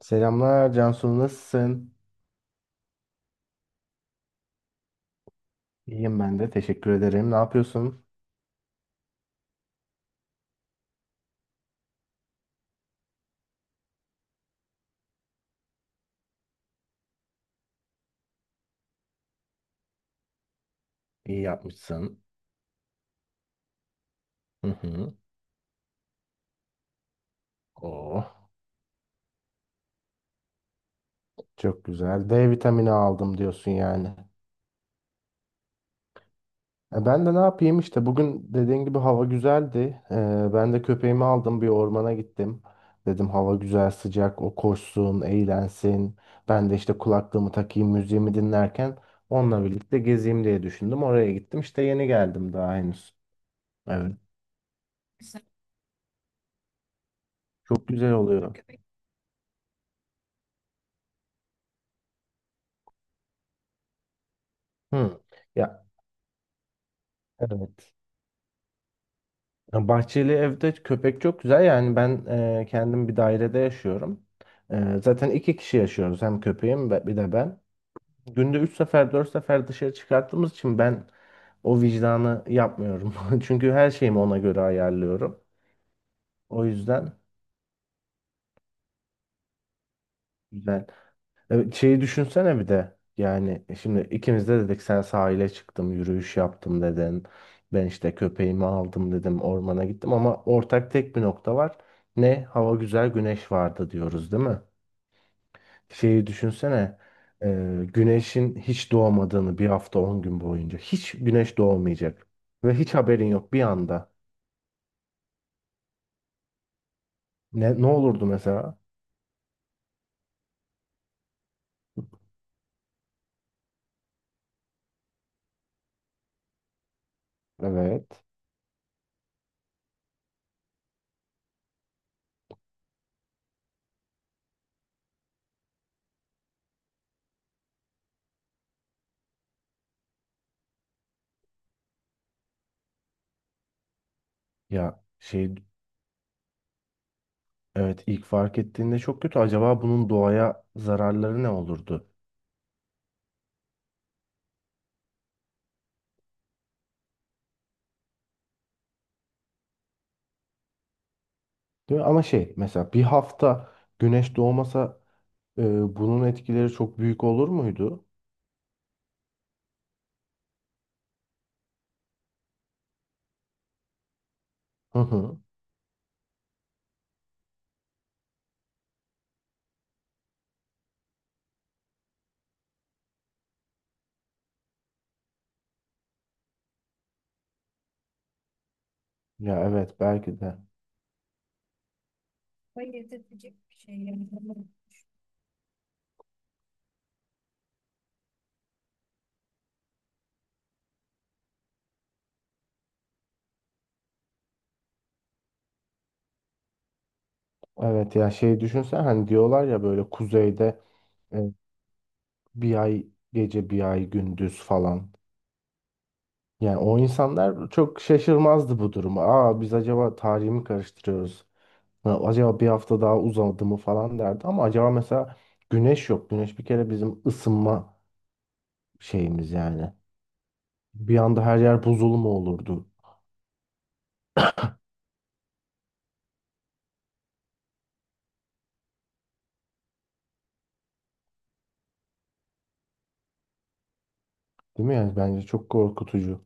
Selamlar Cansu, nasılsın? İyiyim ben de, teşekkür ederim. Ne yapıyorsun? İyi yapmışsın. Hı hı. Oh, çok güzel. D vitamini aldım diyorsun yani. Ben de ne yapayım işte, bugün dediğin gibi hava güzeldi. Ben de köpeğimi aldım, bir ormana gittim. Dedim hava güzel, sıcak, o koşsun eğlensin. Ben de işte kulaklığımı takayım, müziğimi dinlerken onunla birlikte gezeyim diye düşündüm. Oraya gittim işte, yeni geldim daha henüz. Evet. Çok güzel oluyor. Hı. Ya, evet. Ya, bahçeli evde köpek çok güzel. Yani ben kendim bir dairede yaşıyorum. Zaten iki kişi yaşıyoruz. Hem köpeğim ve bir de ben. Günde üç sefer dört sefer dışarı çıkarttığımız için ben o vicdanı yapmıyorum. Çünkü her şeyimi ona göre ayarlıyorum. O yüzden güzel. Evet, şeyi düşünsene bir de. Yani şimdi ikimiz de dedik, sen sahile çıktım, yürüyüş yaptım dedin. Ben işte köpeğimi aldım dedim, ormana gittim, ama ortak tek bir nokta var. Ne? Hava güzel, güneş vardı diyoruz değil mi? Şeyi düşünsene. Güneşin hiç doğmadığını, bir hafta 10 gün boyunca. Hiç güneş doğmayacak. Ve hiç haberin yok, bir anda. Ne olurdu mesela? Evet. Ya şey, evet, ilk fark ettiğinde çok kötü. Acaba bunun doğaya zararları ne olurdu? Değil mi? Ama şey, mesela bir hafta güneş doğmasa, bunun etkileri çok büyük olur muydu? Hı hı. Ya evet, belki de. Evet ya şey, düşünsen hani, diyorlar ya böyle kuzeyde e, bir ay gece bir ay gündüz falan. Yani o insanlar çok şaşırmazdı bu duruma. Aa, biz acaba tarihi mi karıştırıyoruz? Ha, acaba bir hafta daha uzadı mı falan derdi. Ama acaba mesela, güneş yok. Güneş bir kere bizim ısınma şeyimiz yani. Bir anda her yer buzul mu olurdu? Değil mi yani? Bence çok korkutucu.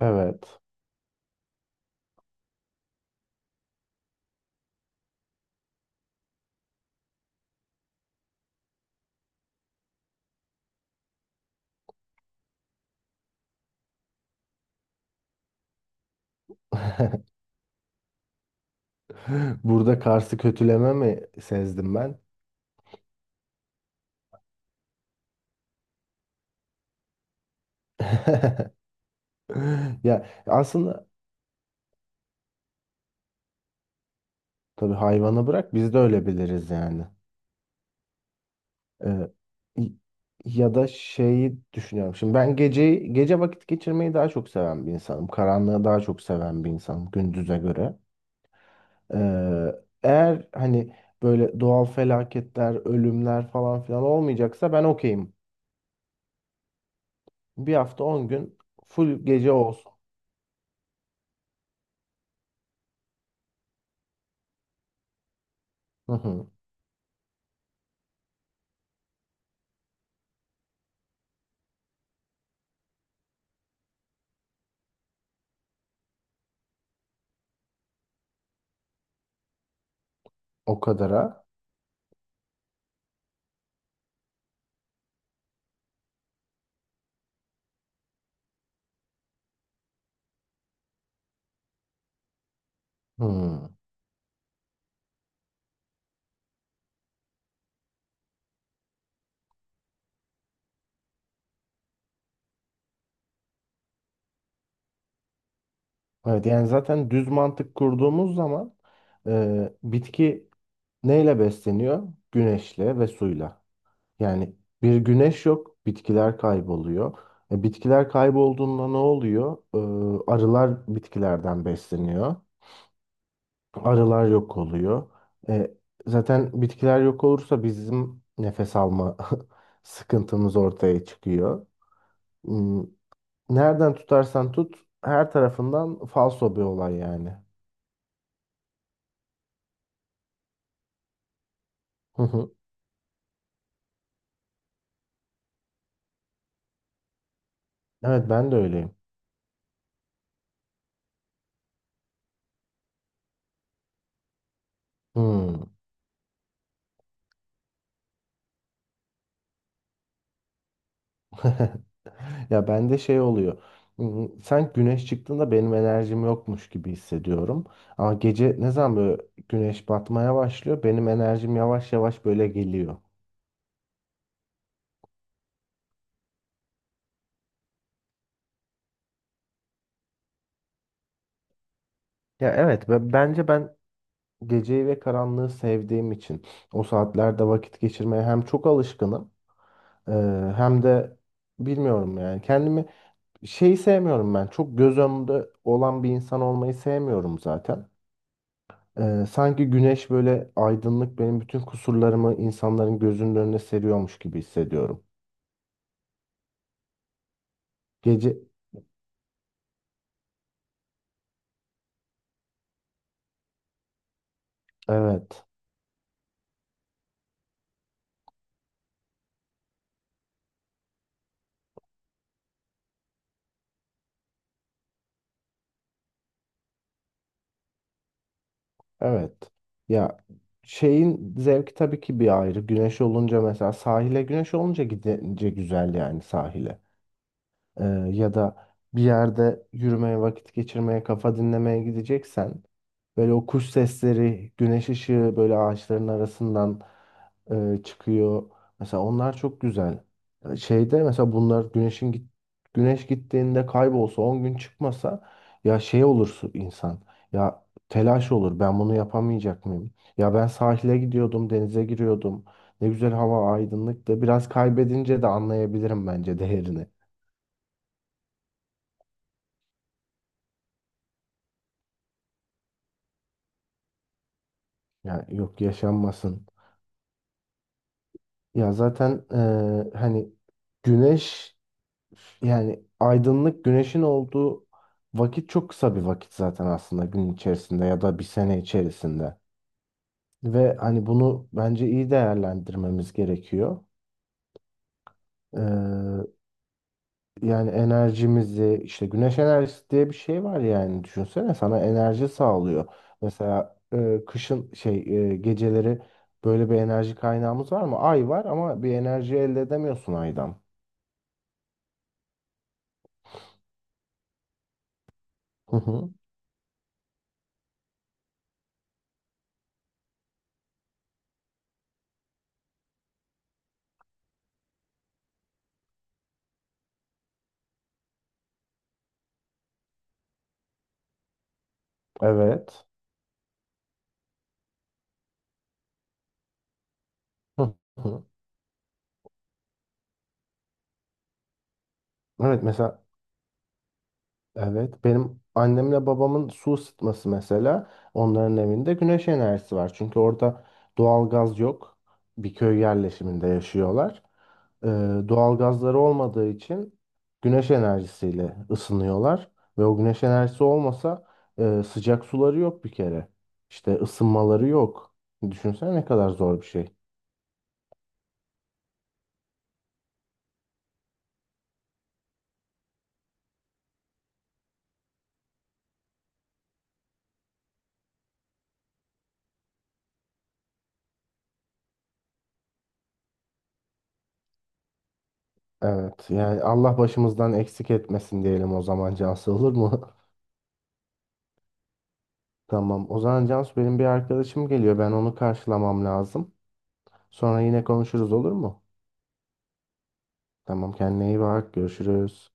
Evet. Burada Kars'ı kötüleme mi sezdim ben? Ya aslında tabii, hayvana bırak, biz de öyle biliriz yani. Ee, y- Ya da şeyi düşünüyorum. Şimdi ben gece gece vakit geçirmeyi daha çok seven bir insanım. Karanlığı daha çok seven bir insanım gündüze göre. Ee, Eğer hani böyle doğal felaketler, ölümler falan filan olmayacaksa ben okeyim. Bir hafta 10 gün full gece olsun. Hı hı. O kadara. Hı. Evet yani zaten düz mantık kurduğumuz zaman, bitki neyle besleniyor? Güneşle ve suyla. Yani bir güneş yok, bitkiler kayboluyor. Bitkiler kaybolduğunda ne oluyor? Arılar bitkilerden besleniyor. Arılar yok oluyor. E, Zaten bitkiler yok olursa bizim nefes alma sıkıntımız ortaya çıkıyor. Hmm, Nereden tutarsan tut, her tarafından falso bir olay yani. Hı hı. Evet, ben de öyleyim. Hmm. Ya, bende şey oluyor. Sanki güneş çıktığında benim enerjim yokmuş gibi hissediyorum. Ama gece ne zaman böyle güneş batmaya başlıyor, benim enerjim yavaş yavaş böyle geliyor. Ya evet, ve bence ben geceyi ve karanlığı sevdiğim için o saatlerde vakit geçirmeye hem çok alışkınım, e, hem de bilmiyorum, yani kendimi. Şeyi sevmiyorum ben. Çok göz önünde olan bir insan olmayı sevmiyorum zaten. Sanki güneş böyle aydınlık, benim bütün kusurlarımı insanların gözünün önüne seriyormuş gibi hissediyorum. Gece evet. Evet. Ya, şeyin zevki tabii ki bir ayrı. Güneş olunca mesela sahile, güneş olunca gidince güzel yani sahile. Ee, Ya da bir yerde yürümeye, vakit geçirmeye, kafa dinlemeye gideceksen, böyle o kuş sesleri, güneş ışığı böyle ağaçların arasından çıkıyor. Mesela onlar çok güzel. Şeyde mesela, bunlar güneş gittiğinde kaybolsa, 10 gün çıkmasa, ya şey olursun insan. Ya telaş olur. Ben bunu yapamayacak mıyım? Ya ben sahile gidiyordum, denize giriyordum. Ne güzel hava, aydınlıktı. Biraz kaybedince de anlayabilirim bence değerini. Ya yok, yaşanmasın. Ya zaten hani güneş, yani aydınlık güneşin olduğu vakit çok kısa bir vakit zaten aslında, gün içerisinde ya da bir sene içerisinde. Ve hani bunu bence iyi değerlendirmemiz gerekiyor. Yani enerjimizi işte, güneş enerjisi diye bir şey var yani, düşünsene sana enerji sağlıyor. Mesela kışın şey, geceleri böyle bir enerji kaynağımız var mı? Ay var ama bir enerji elde edemiyorsun aydan. Hı hı. Evet. Hı hı. Evet mesela, evet, benim annemle babamın su ısıtması mesela, onların evinde güneş enerjisi var. Çünkü orada doğal gaz yok. Bir köy yerleşiminde yaşıyorlar. Ee, Doğal gazları olmadığı için güneş enerjisiyle ısınıyorlar. Ve o güneş enerjisi olmasa, sıcak suları yok bir kere. İşte ısınmaları yok. Düşünsene ne kadar zor bir şey. Evet, yani Allah başımızdan eksik etmesin diyelim o zaman Cansu, olur mu? Tamam. O zaman Cansu, benim bir arkadaşım geliyor. Ben onu karşılamam lazım. Sonra yine konuşuruz, olur mu? Tamam, kendine iyi bak. Görüşürüz.